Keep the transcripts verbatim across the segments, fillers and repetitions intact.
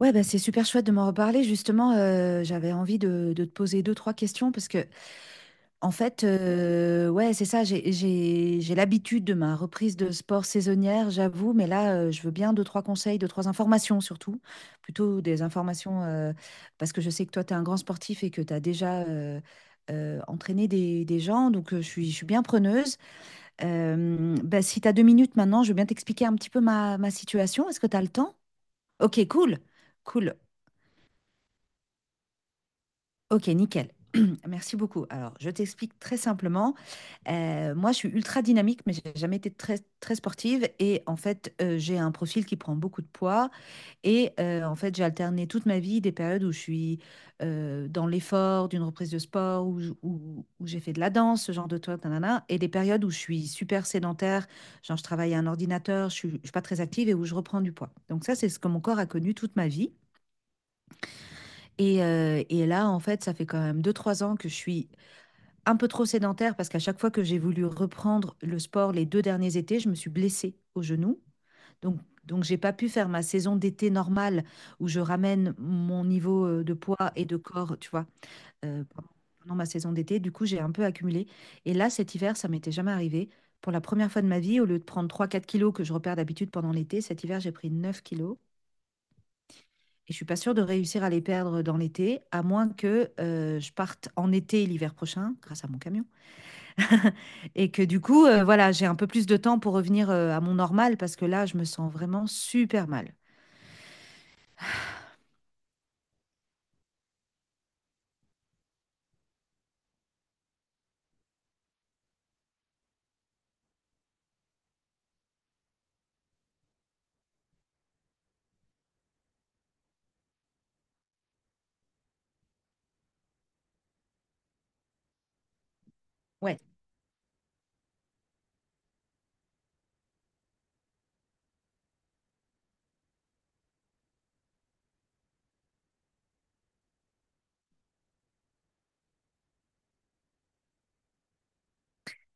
Ouais, bah, c'est super chouette de m'en reparler. Justement, euh, j'avais envie de, de te poser deux, trois questions parce que, en fait, euh, ouais, c'est ça. J'ai, j'ai, j'ai l'habitude de ma reprise de sport saisonnière, j'avoue, mais là, euh, je veux bien deux, trois conseils, deux, trois informations surtout. Plutôt des informations, euh, parce que je sais que toi, tu es un grand sportif et que tu as déjà, euh, euh, entraîné des, des gens. Donc, euh, je suis, je suis bien preneuse. Euh, bah, si tu as deux minutes maintenant, je veux bien t'expliquer un petit peu ma, ma situation. Est-ce que tu as le temps? Ok, cool. Cool. Ok, nickel. Merci beaucoup. Alors, je t'explique très simplement. Euh, moi, je suis ultra dynamique, mais j'ai jamais été très, très sportive. Et en fait, euh, j'ai un profil qui prend beaucoup de poids. Et euh, en fait, j'ai alterné toute ma vie des périodes où je suis, euh, dans l'effort d'une reprise de sport, où, je- où- où j'ai fait de la danse, ce genre de truc, nanana, et des périodes où je suis super sédentaire, genre je travaille à un ordinateur, je suis, je suis pas très active et où je reprends du poids. Donc ça, c'est ce que mon corps a connu toute ma vie. Et, euh, et là, en fait, ça fait quand même deux trois ans que je suis un peu trop sédentaire parce qu'à chaque fois que j'ai voulu reprendre le sport les deux derniers étés, je me suis blessée au genou. Donc, donc j'ai pas pu faire ma saison d'été normale où je ramène mon niveau, euh, de poids et de corps, tu vois, euh, pendant pendant ma saison d'été. Du coup, j'ai un peu accumulé. Et là, cet hiver, ça m'était jamais arrivé. Pour la première fois de ma vie, au lieu de prendre trois, quatre kilos que je repère d'habitude pendant l'été, cet hiver, j'ai pris neuf kilos. Et je suis pas sûre de réussir à les perdre dans l'été, à moins que, euh, je parte en été l'hiver prochain grâce à mon camion. Et que du coup, heu, voilà, j'ai un peu plus de temps pour revenir, heu, à mon normal parce que là, je me sens vraiment super mal. Ouais,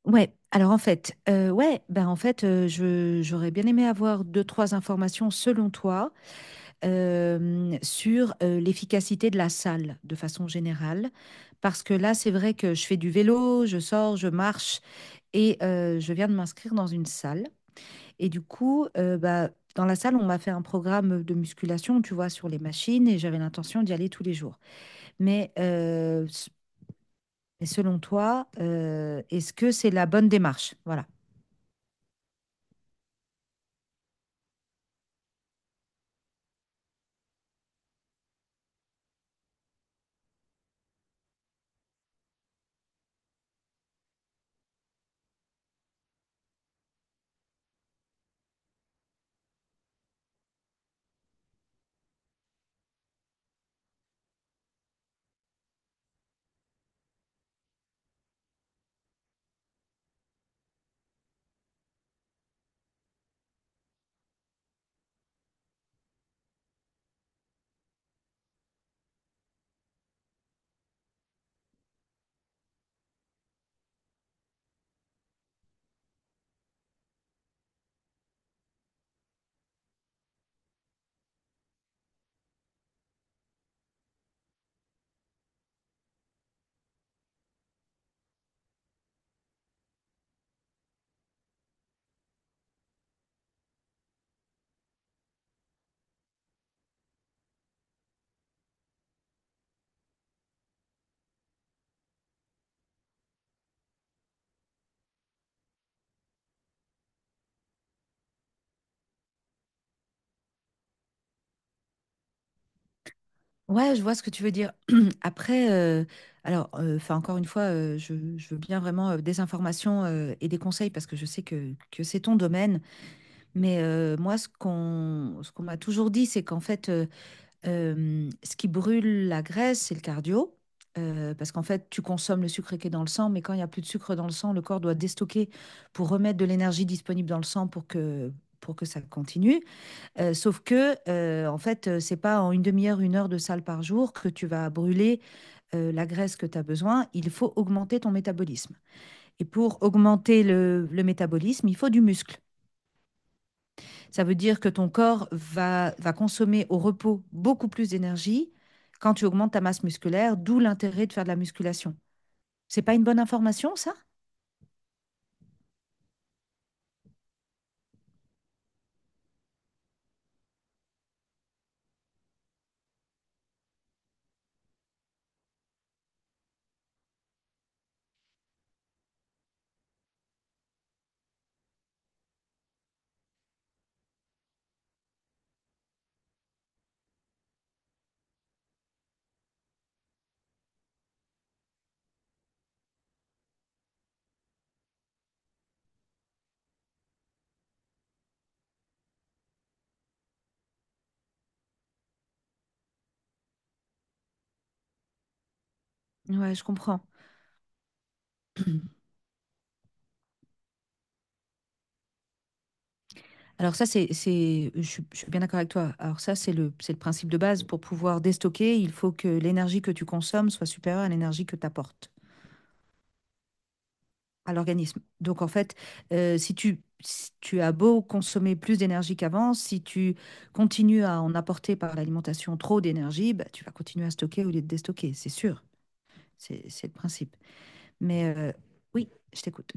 ouais. Alors en fait, heu, ouais, ben, en fait, heu, je j'aurais bien aimé avoir deux-trois informations selon toi, hem, sur, heu, l'efficacité de la salle de façon générale. Parce que là, c'est vrai que je fais du vélo, je sors, je marche et, heu, je viens de m'inscrire dans une salle. Et du coup, euh, bah, dans la salle, on m'a fait un programme de musculation, tu vois, sur les machines, et j'avais l'intention d'y aller tous les jours. Mais, euh, s- mais selon toi, euh, est-ce que c'est la bonne démarche? Voilà. Ouais, je vois ce que tu veux dire. Après, euh, alors, euh, enfin, encore une fois, euh, je, je veux bien vraiment, euh, des informations, euh, et des conseils parce que je sais que, que c'est ton domaine. Mais, euh, moi, ce qu'on ce qu'on m'a toujours dit, c'est qu'en fait, euh, Euh, ce qui brûle la graisse, c'est le cardio. Euh, parce qu'en fait, tu consommes le sucre qui est dans le sang, mais quand il n'y a plus de sucre dans le sang, le corps doit déstocker pour remettre de l'énergie disponible dans le sang pour que, pour que ça continue. Euh, sauf que, euh, en fait, euh, c'est pas en une demi-heure, une heure de salle par jour que tu vas brûler, euh, la graisse que tu as besoin. Il faut augmenter ton métabolisme. Et pour augmenter le le métabolisme, il faut du muscle. Ça veut dire que ton corps va, va consommer au repos beaucoup plus d'énergie quand tu augmentes ta masse musculaire, d'où l'intérêt de faire de la musculation. C'est pas une bonne information, ça. Ouais, je comprends. Alors ça, c'est, c'est, je, suis je suis bien d'accord avec toi. Alors ça, c'est le, c'est le principe de base. Pour pouvoir déstocker, il faut que l'énergie que tu consommes soit supérieure à l'énergie que tu apportes à l'organisme. Donc en fait, euh, si tu, si tu as beau consommer plus d'énergie qu'avant, si tu continues à en apporter par l'alimentation trop d'énergie, bah, tu vas continuer à stocker au lieu de déstocker, c'est sûr. C'est, c'est le principe. Mais, euh, oui, je t'écoute.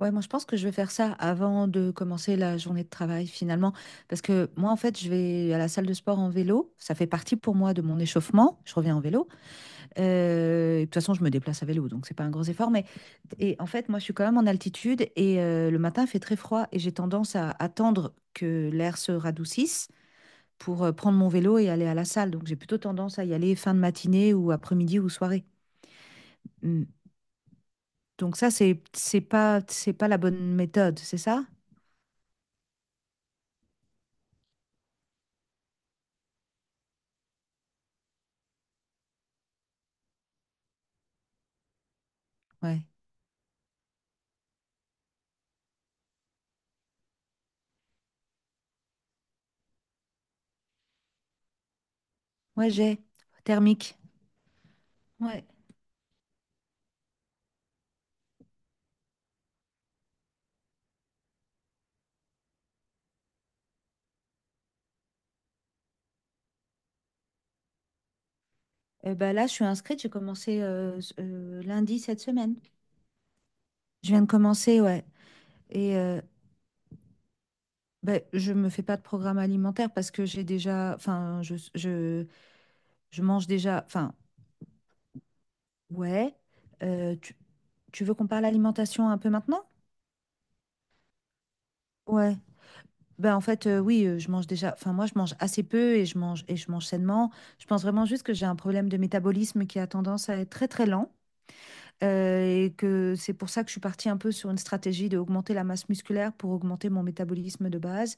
Ouais, moi je pense que je vais faire ça avant de commencer la journée de travail finalement, parce que moi en fait je vais à la salle de sport en vélo, ça fait partie pour moi de mon échauffement, je reviens en vélo. Euh, et de toute façon, je me déplace à vélo, donc c'est pas un gros effort. Mais et en fait, moi, je suis quand même en altitude et, euh, le matin, il fait très froid et j'ai tendance à attendre que l'air se radoucisse pour, euh, prendre mon vélo et aller à la salle. Donc j'ai plutôt tendance à y aller fin de matinée ou après-midi ou soirée. Mm. Donc ça, c'est c'est pas c'est pas la bonne méthode, c'est ça? Ouais. Ouais, j'ai thermique. Ouais. Eh ben là, je suis inscrite. J'ai commencé, euh, s- euh, lundi cette semaine. Je viens de commencer, ouais. Et, euh, Ben, je me fais pas de programme alimentaire parce que j'ai déjà, enfin, je, je, je mange déjà, enfin, ouais. Euh, tu, tu veux qu'on parle alimentation un peu maintenant? Ouais. Ben, en fait, euh, oui, euh, je mange déjà, enfin, moi, je mange assez peu et je mange, et je mange sainement. Je pense vraiment juste que j'ai un problème de métabolisme qui a tendance à être très, très lent. euh, et que c'est pour ça que je suis partie un peu sur une stratégie d'augmenter la masse musculaire pour augmenter mon métabolisme de base.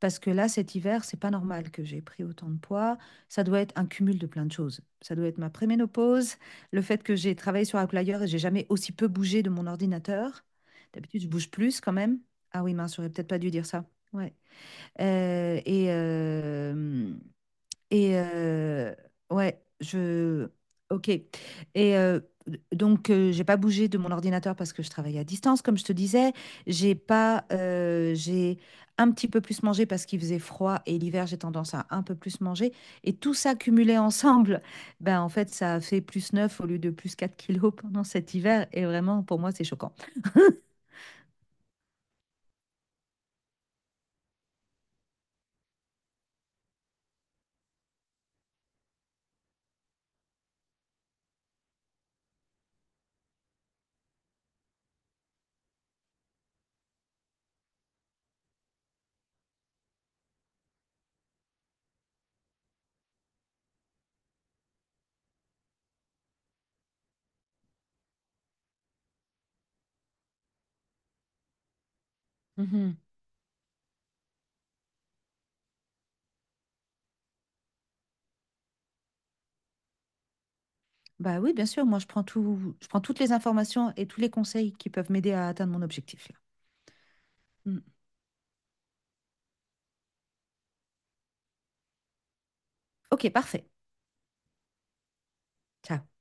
Parce que là, cet hiver, c'est pas normal que j'ai pris autant de poids. Ça doit être un cumul de plein de choses. Ça doit être ma préménopause, le fait que j'ai travaillé sur Outlier et j'ai jamais aussi peu bougé de mon ordinateur. D'habitude, je bouge plus quand même. Ah oui, mince, j'aurais peut-être pas dû dire ça. Ouais. Euh, et, euh, et euh, ouais, je. Ok. Et, euh, donc, euh, j'ai pas bougé de mon ordinateur parce que je travaille à distance, comme je te disais. J'ai pas. Euh, j'ai un petit peu plus mangé parce qu'il faisait froid et l'hiver, j'ai tendance à un peu plus manger. Et tout ça cumulé ensemble, ben en fait, ça a fait plus neuf au lieu de plus quatre kilos pendant cet hiver. Et vraiment, pour moi, c'est choquant. Mhm. Bah oui, bien sûr, moi, je prends tout... je prends toutes les informations et tous les conseils qui peuvent m'aider à atteindre mon objectif, là. Mm. Ok, parfait. Ciao.